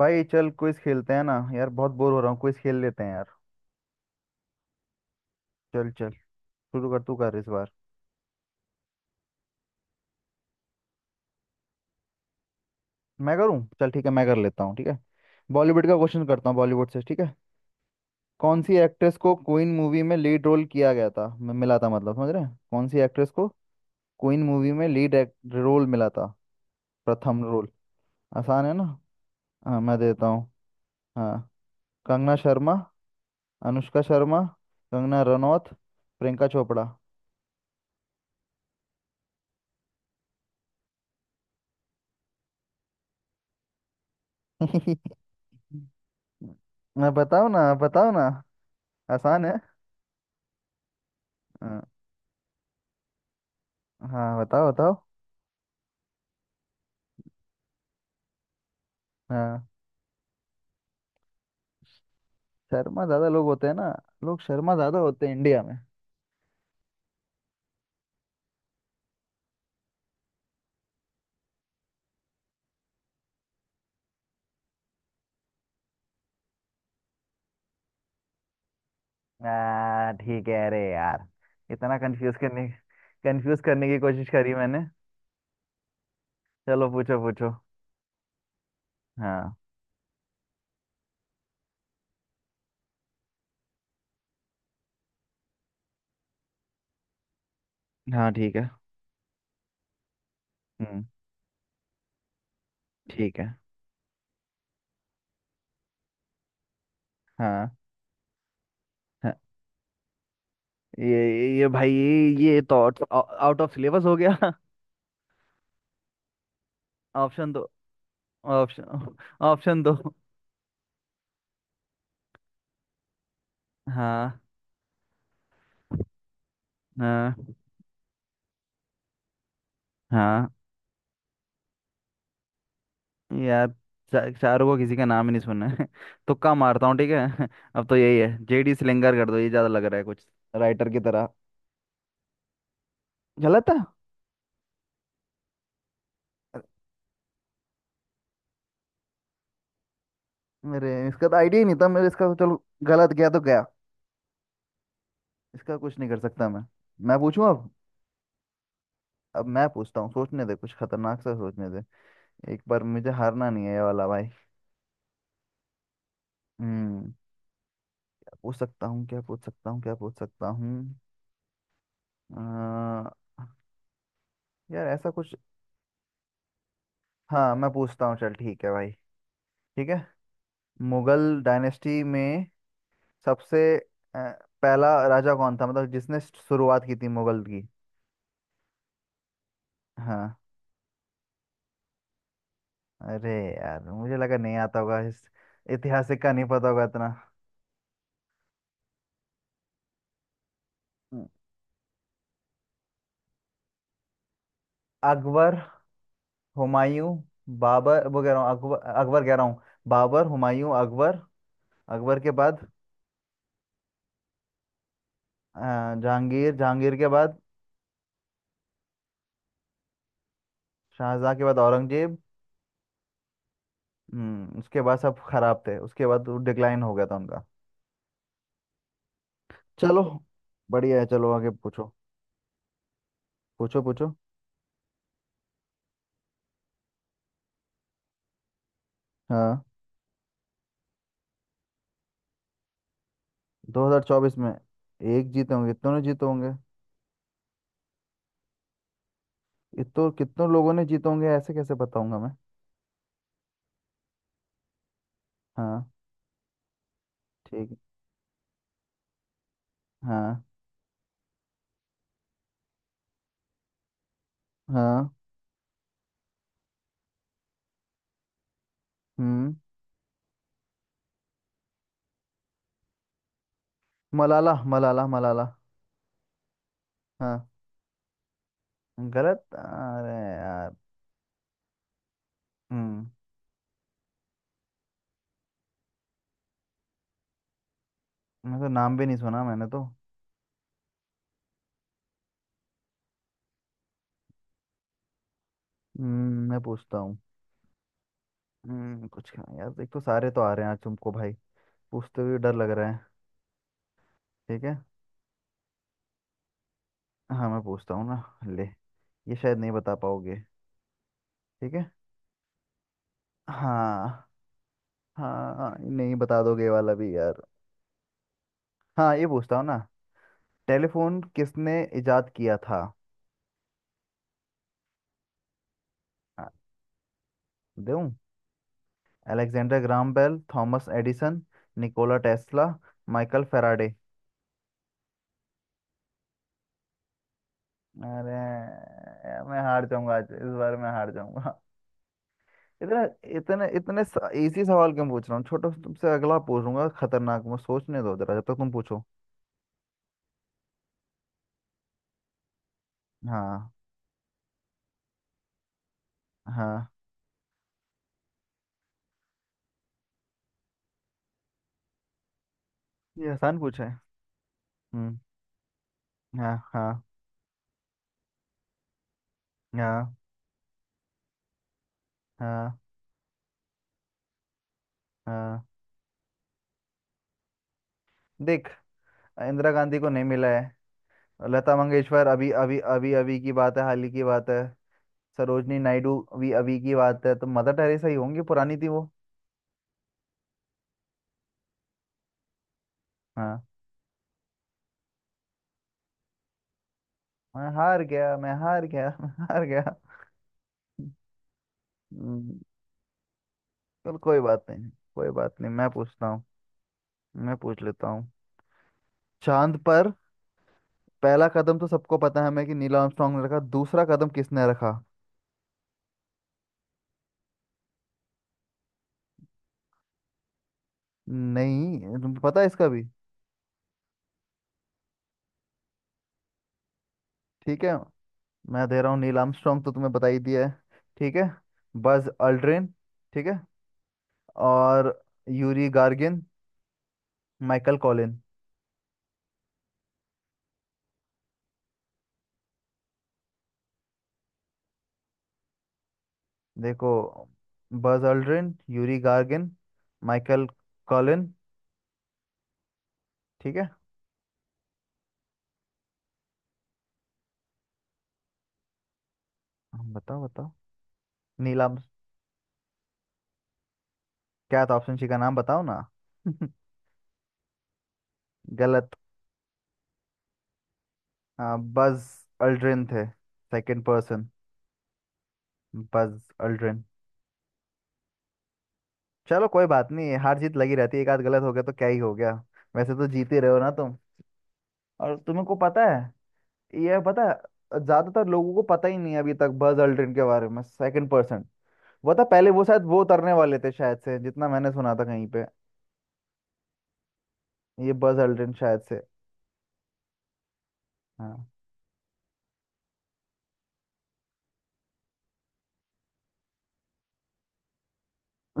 भाई, चल क्विज खेलते हैं ना यार। बहुत बोर हो रहा हूँ। क्विज खेल लेते हैं यार। चल चल। शुरू कर, तू कर इस बार। मैं करूँ? चल ठीक है, मैं कर लेता हूँ। ठीक है। बॉलीवुड का क्वेश्चन करता हूँ, बॉलीवुड से, ठीक है। कौन सी एक्ट्रेस को क्वीन मूवी में लीड रोल किया गया था, मिला था, मतलब समझ रहे हैं? कौन सी एक्ट्रेस को क्वीन मूवी में लीड रोल मिला था, प्रथम रोल। आसान है ना। हाँ मैं देता हूँ। हाँ। कंगना शर्मा। अनुष्का शर्मा। कंगना रनौत। प्रियंका चोपड़ा। मैं बताओ ना, बताओ ना। आसान है। हाँ। हाँ, बताओ बताओ। हाँ, शर्मा ज्यादा लोग होते हैं ना। लोग शर्मा ज्यादा होते हैं इंडिया में। ठीक है। अरे यार, इतना कंफ्यूज करने, कंफ्यूज करने की कोशिश करी मैंने। चलो पूछो पूछो। हाँ। हाँ। ठीक है। हम्म। ठीक है। हाँ। हाँ ये भाई, ये तो आउट ऑफ सिलेबस हो गया। ऑप्शन दो। ऑप्शन ऑप्शन दो। हाँ। हाँ। हाँ यार, शाहरुख को किसी का नाम ही नहीं सुनना है। तुक्का मारता हूँ, ठीक है। अब तो यही है, जेडी सिलिंगर कर दो, ये ज्यादा लग रहा है कुछ राइटर की तरह। गलत है। अ- मेरे इसका तो आइडिया ही नहीं था, मेरे इसका तो। चलो गलत गया तो गया, इसका कुछ नहीं कर सकता मैं। मैं पूछूं अब। अब मैं पूछता हूँ, सोचने दे कुछ खतरनाक सा, सोचने दे। एक बार मुझे हारना नहीं है ये वाला भाई। हम्म। क्या पूछ सकता हूँ, क्या पूछ सकता हूँ, क्या पूछ सकता हूँ। अ, यार ऐसा कुछ। हाँ मैं पूछता हूँ, चल ठीक है भाई। ठीक है। मुगल डायनेस्टी में सबसे अ, पहला राजा कौन था, मतलब जिसने शुरुआत की थी मुगल की। हाँ। अरे यार, मुझे लगा नहीं आता होगा इस ऐतिहासिक का, नहीं पता होगा इतना। हम्म, अकबर हुमायूं बाबर, वो कह रहा हूँ अकबर अकबर कह रहा हूँ। बाबर हुमायूं अकबर। अकबर के बाद अ, जहांगीर। जहांगीर के बाद शाहजहां के बाद औरंगजेब। उसके बाद सब खराब थे, उसके बाद डिक्लाइन हो गया था उनका। चलो, बढ़िया है, चलो आगे पूछो। पूछो पूछो। हाँ। 2024 में एक जीते होंगे, कितनों ने जीते होंगे। इतो कितनों लोगों ने जीते होंगे, ऐसे कैसे बताऊंगा मैं। हाँ। ठीक है। हाँ। हाँ। हम्म मलाला मलाला मलाला। हाँ। गलत। अरे यार। हम्म मैं तो नाम भी नहीं सुना मैंने तो। मैं पूछता हूँ। कुछ यार एक तो सारे तो आ रहे हैं आज तुमको भाई, पूछते हुए डर लग रहा है। ठीक है। हाँ मैं पूछता हूँ ना। ले, ये शायद नहीं बता पाओगे, ठीक है। हाँ। हाँ नहीं बता दोगे ये वाला भी यार। हाँ ये पूछता हूँ ना। टेलीफोन किसने इजाद किया था? आ, दूं। Alexander Graham Bell. Thomas Edison. Nikola Tesla. Michael Faraday. अरे मैं हार जाऊंगा आज, इस बार मैं हार जाऊंगा। इतना, इतने इतने इजी सवाल क्यों पूछ रहा हूँ छोटा सा, तुमसे अगला पूछूंगा खतरनाक। मैं सोचने दो जरा जब तक, तुम पूछो। हाँ। हाँ, ये आसान पूछा है। हम्म। हाँ। हाँ। हाँ। हाँ। हाँ देख, इंदिरा गांधी को नहीं मिला है। लता मंगेशकर अभी अभी अभी अभी की बात है, हाल ही की बात है। सरोजनी नायडू अभी अभी की बात है, तो मदर टेरेसा ही होंगी, पुरानी थी वो। हाँ। मैं हार गया, मैं हार गया। मैं हार गया। हम्म, चल कोई बात नहीं। कोई बात नहीं, मैं पूछता हूँ। मैं पूछ लेता हूँ। चांद पर पहला कदम तो सबको पता है हमें, कि नील आर्मस्ट्रांग ने रखा, दूसरा कदम किसने रखा? नहीं तुम्हें पता है इसका भी? ठीक है, मैं दे रहा हूँ। नील आर्मस्ट्रांग तो तुम्हें बता ही दिया है। ठीक है। Buzz Aldrin. ठीक है। और यूरी गार्गिन। Michael Collins. देखो, Buzz Aldrin, Yuri Gagarin, Michael Collins. ठीक है। हाँ, बताओ बताओ। नीला, क्या था ऑप्शन सी का नाम, बताओ ना। गलत। हाँ, बज अल्ड्रिन थे सेकंड पर्सन। Buzz Aldrin. चलो कोई बात नहीं, हार जीत लगी रहती है। एक आध गलत हो गया तो क्या ही हो गया। वैसे तो जीत ही रहे हो ना तुम, और तुम्हें को पता है। ये पता है, ज्यादातर लोगों को पता ही नहीं है अभी तक, बज अल्ड्रिन के बारे में, सेकंड पर्सन वो था। पहले वो शायद, वो उतरने वाले थे शायद से, जितना मैंने सुना था कहीं पे। ये बज अल्ड्रिन, शायद से। हाँ।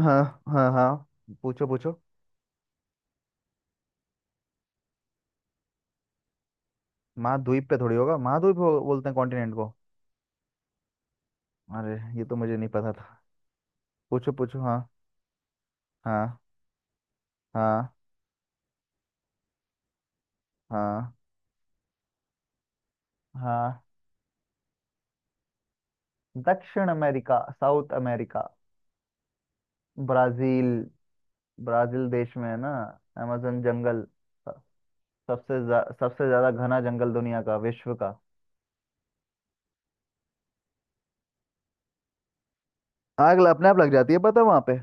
हाँ। हाँ। हाँ पूछो पूछो। महाद्वीप पे थोड़ी होगा, महाद्वीप बोलते हैं कॉन्टिनेंट को। अरे, ये तो मुझे नहीं पता था। पूछो पूछो। हाँ। हाँ। हाँ। हाँ। हाँ। दक्षिण America, South America. Brazil. Brazil देश में है ना अमेजन जंगल। स- सबसे ज्यादा घना जंगल दुनिया का, विश्व का। आग अपने आप लग जाती है, पता वहां पे।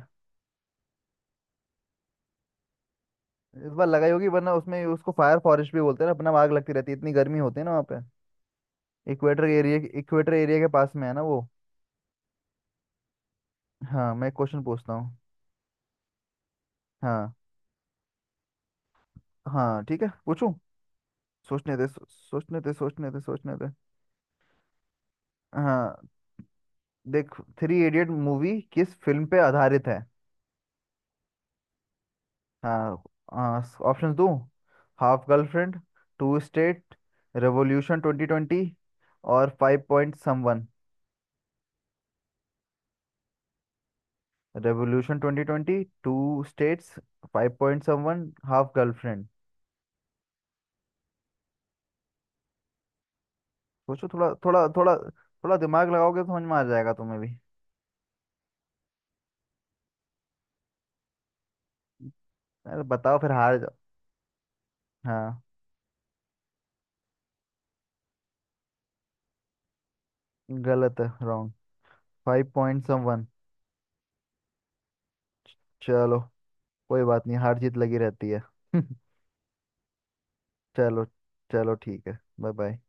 इस बार लगाई होगी वरना उसमें, उसको फायर फॉरेस्ट भी बोलते हैं ना, अपना आग लगती रहती है, इतनी गर्मी होती है ना वहाँ पे। इक्वेटर एरिया, इक्वेटर एरिया के पास में है ना वो। हाँ मैं क्वेश्चन पूछता हूँ। हाँ। हाँ ठीक है, पूछूं। सोचने दे, सोचने दे, सोचने दे, सोचने दे। हाँ देख, थ्री इडियट मूवी किस फिल्म पे आधारित है? हाँ। ऑप्शन दूँ। Half girlfriend. Two state. Revolution 2020। और five point someone. Revolution twenty twenty, two states, five point seven one, half girlfriend. सोचो थोड़ा थोड़ा थोड़ा। थोड़ा दिमाग लगाओगे तो समझ में आ जाएगा तुम्हें भी। अरे बताओ फिर हार जाओ। हाँ गलत है, रॉन्ग। Five point someone. चलो कोई बात नहीं, हार जीत लगी रहती है। चलो। चलो ठीक है, बाय बाय।